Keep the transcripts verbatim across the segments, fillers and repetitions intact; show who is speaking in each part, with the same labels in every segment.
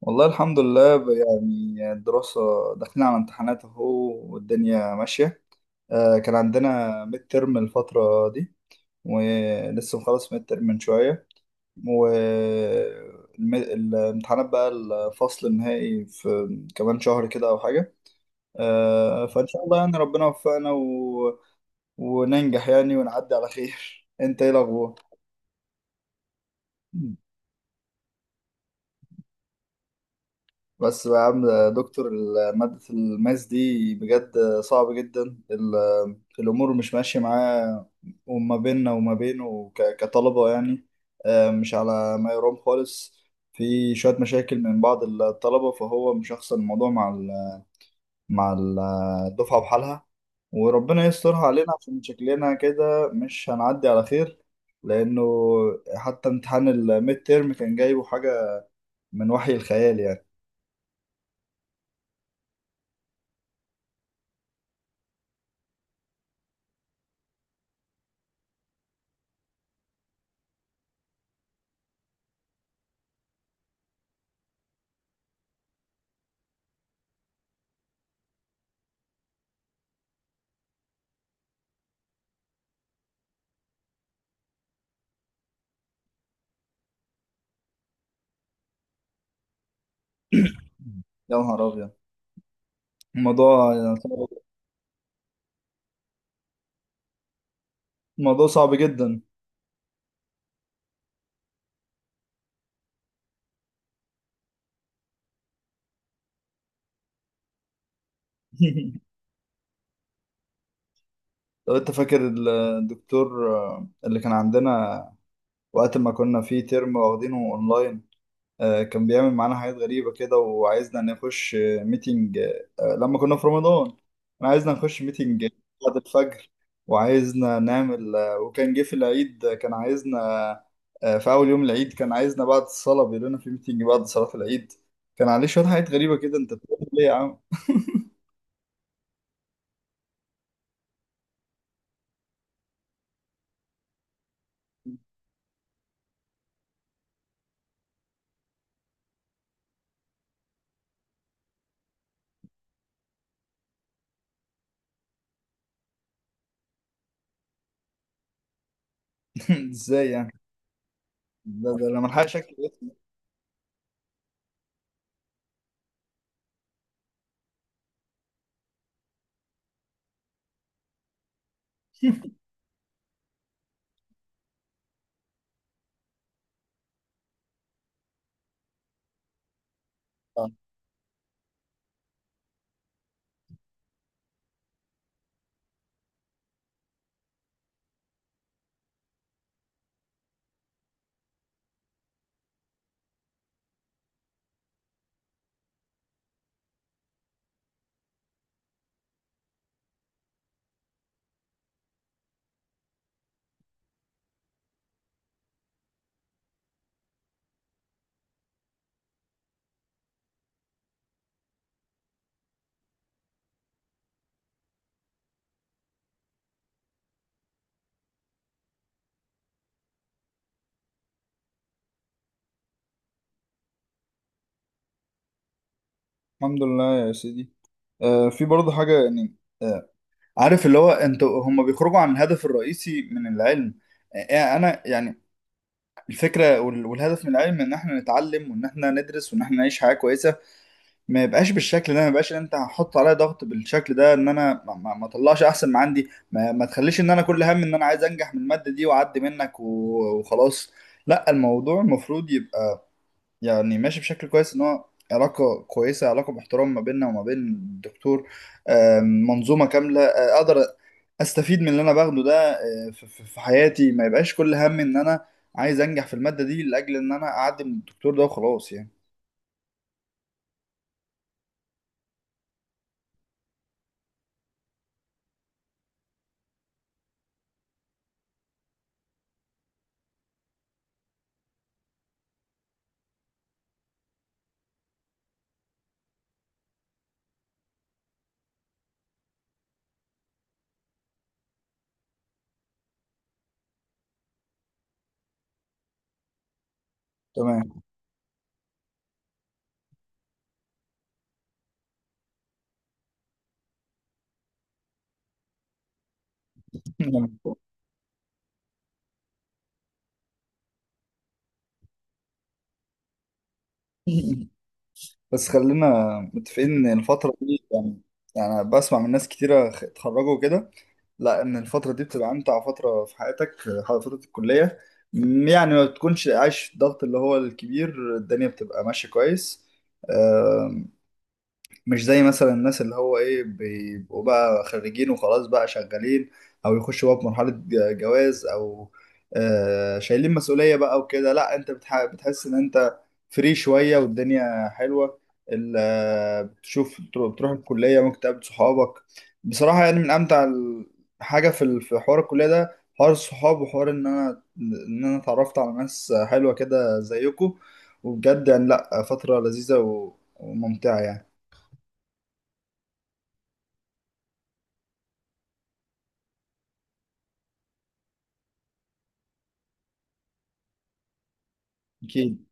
Speaker 1: والله الحمد لله ب- يعني الدراسة داخلين على امتحانات اهو، والدنيا ماشية. آه، كان عندنا ميد ترم الفترة دي، ولسه مخلص ميد ترم من شوية. والامتحانات بقى الفصل النهائي في كمان شهر كده أو حاجة. آه، فإن شاء الله يعني ربنا يوفقنا و... وننجح يعني ونعدي على خير. أنت إيه الأخبار؟ بس بقى يا عم يا دكتور ال- مادة الماس دي بجد صعبة جدا. ال- الأمور مش ماشية معاه، وما بيننا وما بينه ك- كطلبة يعني. آه، مش على ما يرام خالص. في شوية مشاكل من بعض الطلبة فهو مشخصن الموضوع مع ال- مع ال- الدفعة بحالها. وربنا يسترها علينا عشان شكلنا كده مش هنعدي على خير. لأنه حتى امتحان الميد تيرم كان جايبه حاجة من وحي الخيال يعني. يا نهار أبيض، الموضوع صعب، الموضوع صعب جدا. لو انت فاكر ال- الدكتور آه، اللي كان عندنا وقت ما كنا في ترم واخدينه اونلاين. آه، كان بيعمل معانا حاجات غريبة كده، وعايزنا نخش آه، ميتنج. آه، لما كنا في رمضان كان عايزنا نخش ميتنج بعد الفجر، وعايزنا نعمل آه، وكان جه في العيد آه، كان عايزنا، آه، في أول يوم العيد كان عايزنا بعد الصلاة، بيقول لنا في ميتنج بعد صلاة العيد. كان عليه شوية حاجات غريبة كده، انت بتقول ليه يا عم؟ ازاي يعني؟ ده ده انا ملحقش اكتب اسمي. آه، الحمد لله يا سيدي. آه، في برضه حاجه يعني. آه، عارف اللي هو انت هم بيخرجوا عن الهدف الرئيسي من العلم. آه آه، انا يعني الفكره وال- والهدف من العلم ان احنا نتعلم وان احنا ندرس وان احنا نعيش حياه كويسه. ما يبقاش بالشكل ده، ما يبقاش ان انت هتحط عليا ضغط بالشكل ده ان انا ما, ما ما اطلعش احسن ما عندي، ما, ما تخليش ان انا كل هم ان انا عايز انجح من الماده دي واعدي منك و- وخلاص. لا، الموضوع المفروض يبقى يعني ماشي بشكل كويس، ان هو علاقة كويسة، علاقة محترمة ما بيننا وما بين الدكتور. آم، منظومة كاملة، آه، اقدر استفيد من اللي انا باخده ده آه، في في- في حياتي. ما يبقاش كل هم ان انا عايز انجح في المادة دي لاجل ان انا اعدي من الدكتور ده وخلاص يعني. تمام. بس خلينا متفقين ان الفترة دي يعني، يعني بسمع من ناس كتيرة خ- اتخرجوا وكده، لا ان الفترة دي بتبقى امتع فترة في حياتك، ح- فترة الكلية. م- يعني ما بتكونش عايش الضغط اللي هو الكبير، الدنيا بتبقى ماشية كويس. آه، مش زي مثلا الناس اللي هو ايه بيبقوا بقى خريجين وخلاص بقى شغالين، او يخشوا بقى في مرحلة ج- جواز، او آه شايلين مسؤولية بقى وكده. لا، انت بتح بتحس ان انت فري شوية والدنيا حلوة. ال- آه، بتشوف، بترو- بتروح الكلية ممكن تقابل صحابك. بصراحة يعني من امتع ال- حاجة في ال- في حوار الكلية ده، حوار الصحاب وحوار ان انا ان انا اتعرفت على ناس حلوة كده زيكم. وبجد يعني لا، فترة لذيذة و- وممتعة يعني. أكيد.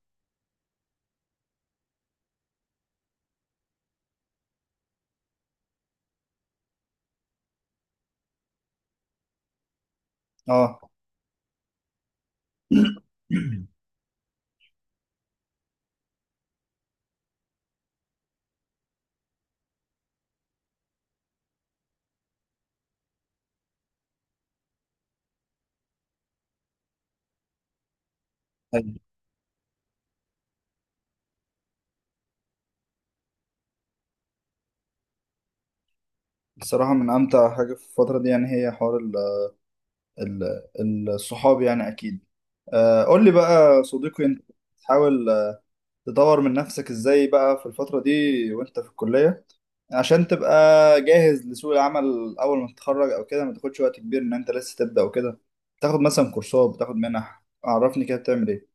Speaker 1: أه. أيوة. الصراحة من أمتع حاجة في الفترة دي يعني هي حوار ال ال الصحاب يعني، أكيد. آه، قول لي بقى صديقي، أنت بتحاول آه، تطور من نفسك إزاي بقى في الفترة دي وأنت في الكلية، عشان تبقى جاهز لسوق العمل أول ما تتخرج أو كده، ما تاخدش وقت كبير إن أنت لسه تبدأ وكده. تاخد مثلا كورسات، بتاخد منح، عرفني كده بتعمل إيه؟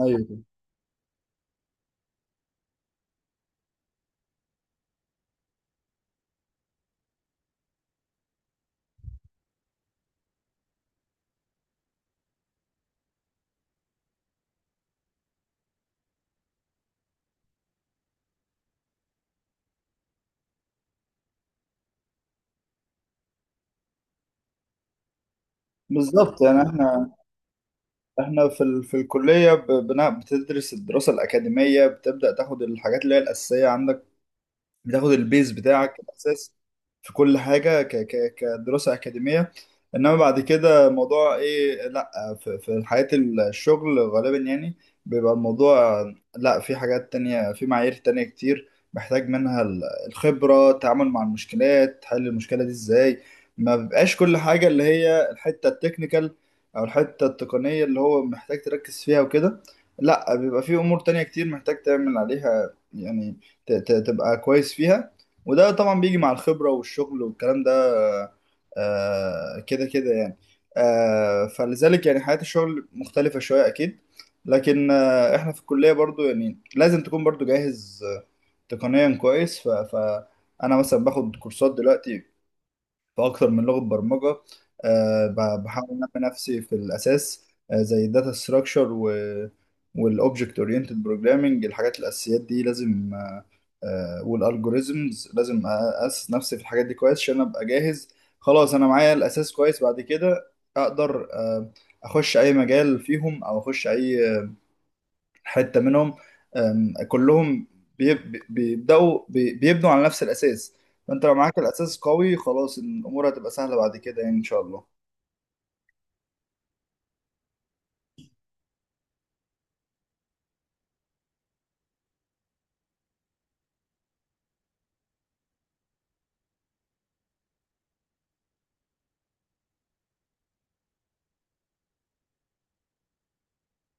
Speaker 1: أيوه. بالظبط يعني إحنا احنا في ال... في الكلية ب- بن- بتدرس، الدراسة الأكاديمية بتبدأ تاخد الحاجات اللي هي الأساسية عندك، بتاخد البيز بتاعك الاساس في كل حاجه ك ك كدراسه اكاديميه. انما بعد كده موضوع ايه، لا في، في حياه الشغل غالبا يعني بيبقى الموضوع، لا في حاجات تانية، في معايير تانية كتير محتاج منها ال- الخبرة، التعامل مع المشكلات، حل المشكلة دي ازاي. ما بيبقاش كل حاجة اللي هي الحتة التكنيكال او الحتة التقنية اللي هو محتاج تركز فيها وكده. لا، بيبقى في امور تانية كتير محتاج تعمل عليها يعني، ت- ت- تبقى كويس فيها. وده طبعا بيجي مع الخبرة والشغل والكلام ده آه، كده كده يعني. آه، فلذلك يعني حياة الشغل مختلفة شوية أكيد. لكن آه، احنا في الكلية برضو يعني لازم تكون برضو جاهز آه، تقنيا كويس. ف- فأنا مثلا باخد كورسات دلوقتي في اكتر من لغه برمجه. آه، ب- بحاول انمي نفسي في الاساس آه، زي الداتا ستراكشر والاوبجكت اورينتد بروجرامنج، الحاجات الاساسيات دي لازم، آه، آه، والالجوريزمز لازم اسس نفسي في الحاجات دي كويس عشان ابقى جاهز. خلاص، انا معايا الاساس كويس، بعد كده اقدر آه، اخش اي مجال فيهم او اخش اي حته منهم. أم، كلهم بي- بي- بيبداوا، بي- بيبنوا على نفس الاساس. فانت لو معاك الاساس قوي خلاص الامور هتبقى سهله بعد كده يعني ان شاء الله.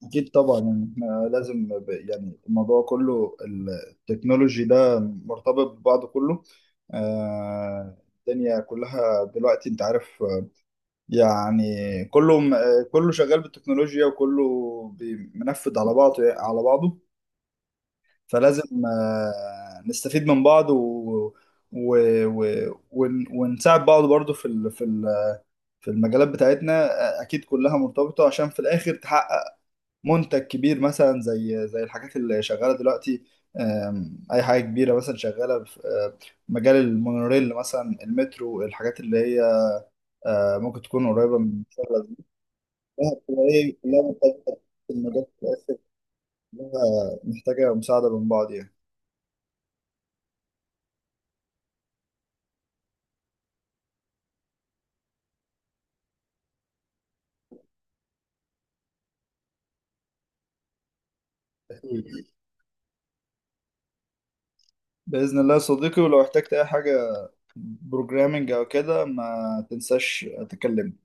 Speaker 1: اكيد طبعا، يعني احنا لازم ب- يعني الموضوع كله التكنولوجي ده مرتبط ببعضه كله. آه، الدنيا كلها دلوقتي انت عارف آه، يعني كله م- آه، كله شغال بالتكنولوجيا، وكله بي- منفذ على بعضه، على بعضه. فلازم آه، نستفيد من بعض و... و... و... ون... ونساعد بعض برضو في ال... في ال... في المجالات بتاعتنا. آه، اكيد كلها مرتبطة عشان في الاخر تحقق منتج كبير، مثلا زي زي الحاجات اللي شغالة دلوقتي. آم، اي حاجة كبيرة مثلا شغالة في آه، مجال المونوريل مثلا، المترو، الحاجات اللي هي آه، ممكن تكون قريبة من شغلها، بتبقى ايه كلها مرتبطة في المجال في الاخر، كلها محتاجة مساعدة من بعض يعني. بإذن الله يا صديقي، ولو احتجت أي حاجة بروجرامنج أو كده ما تنساش تكلمني.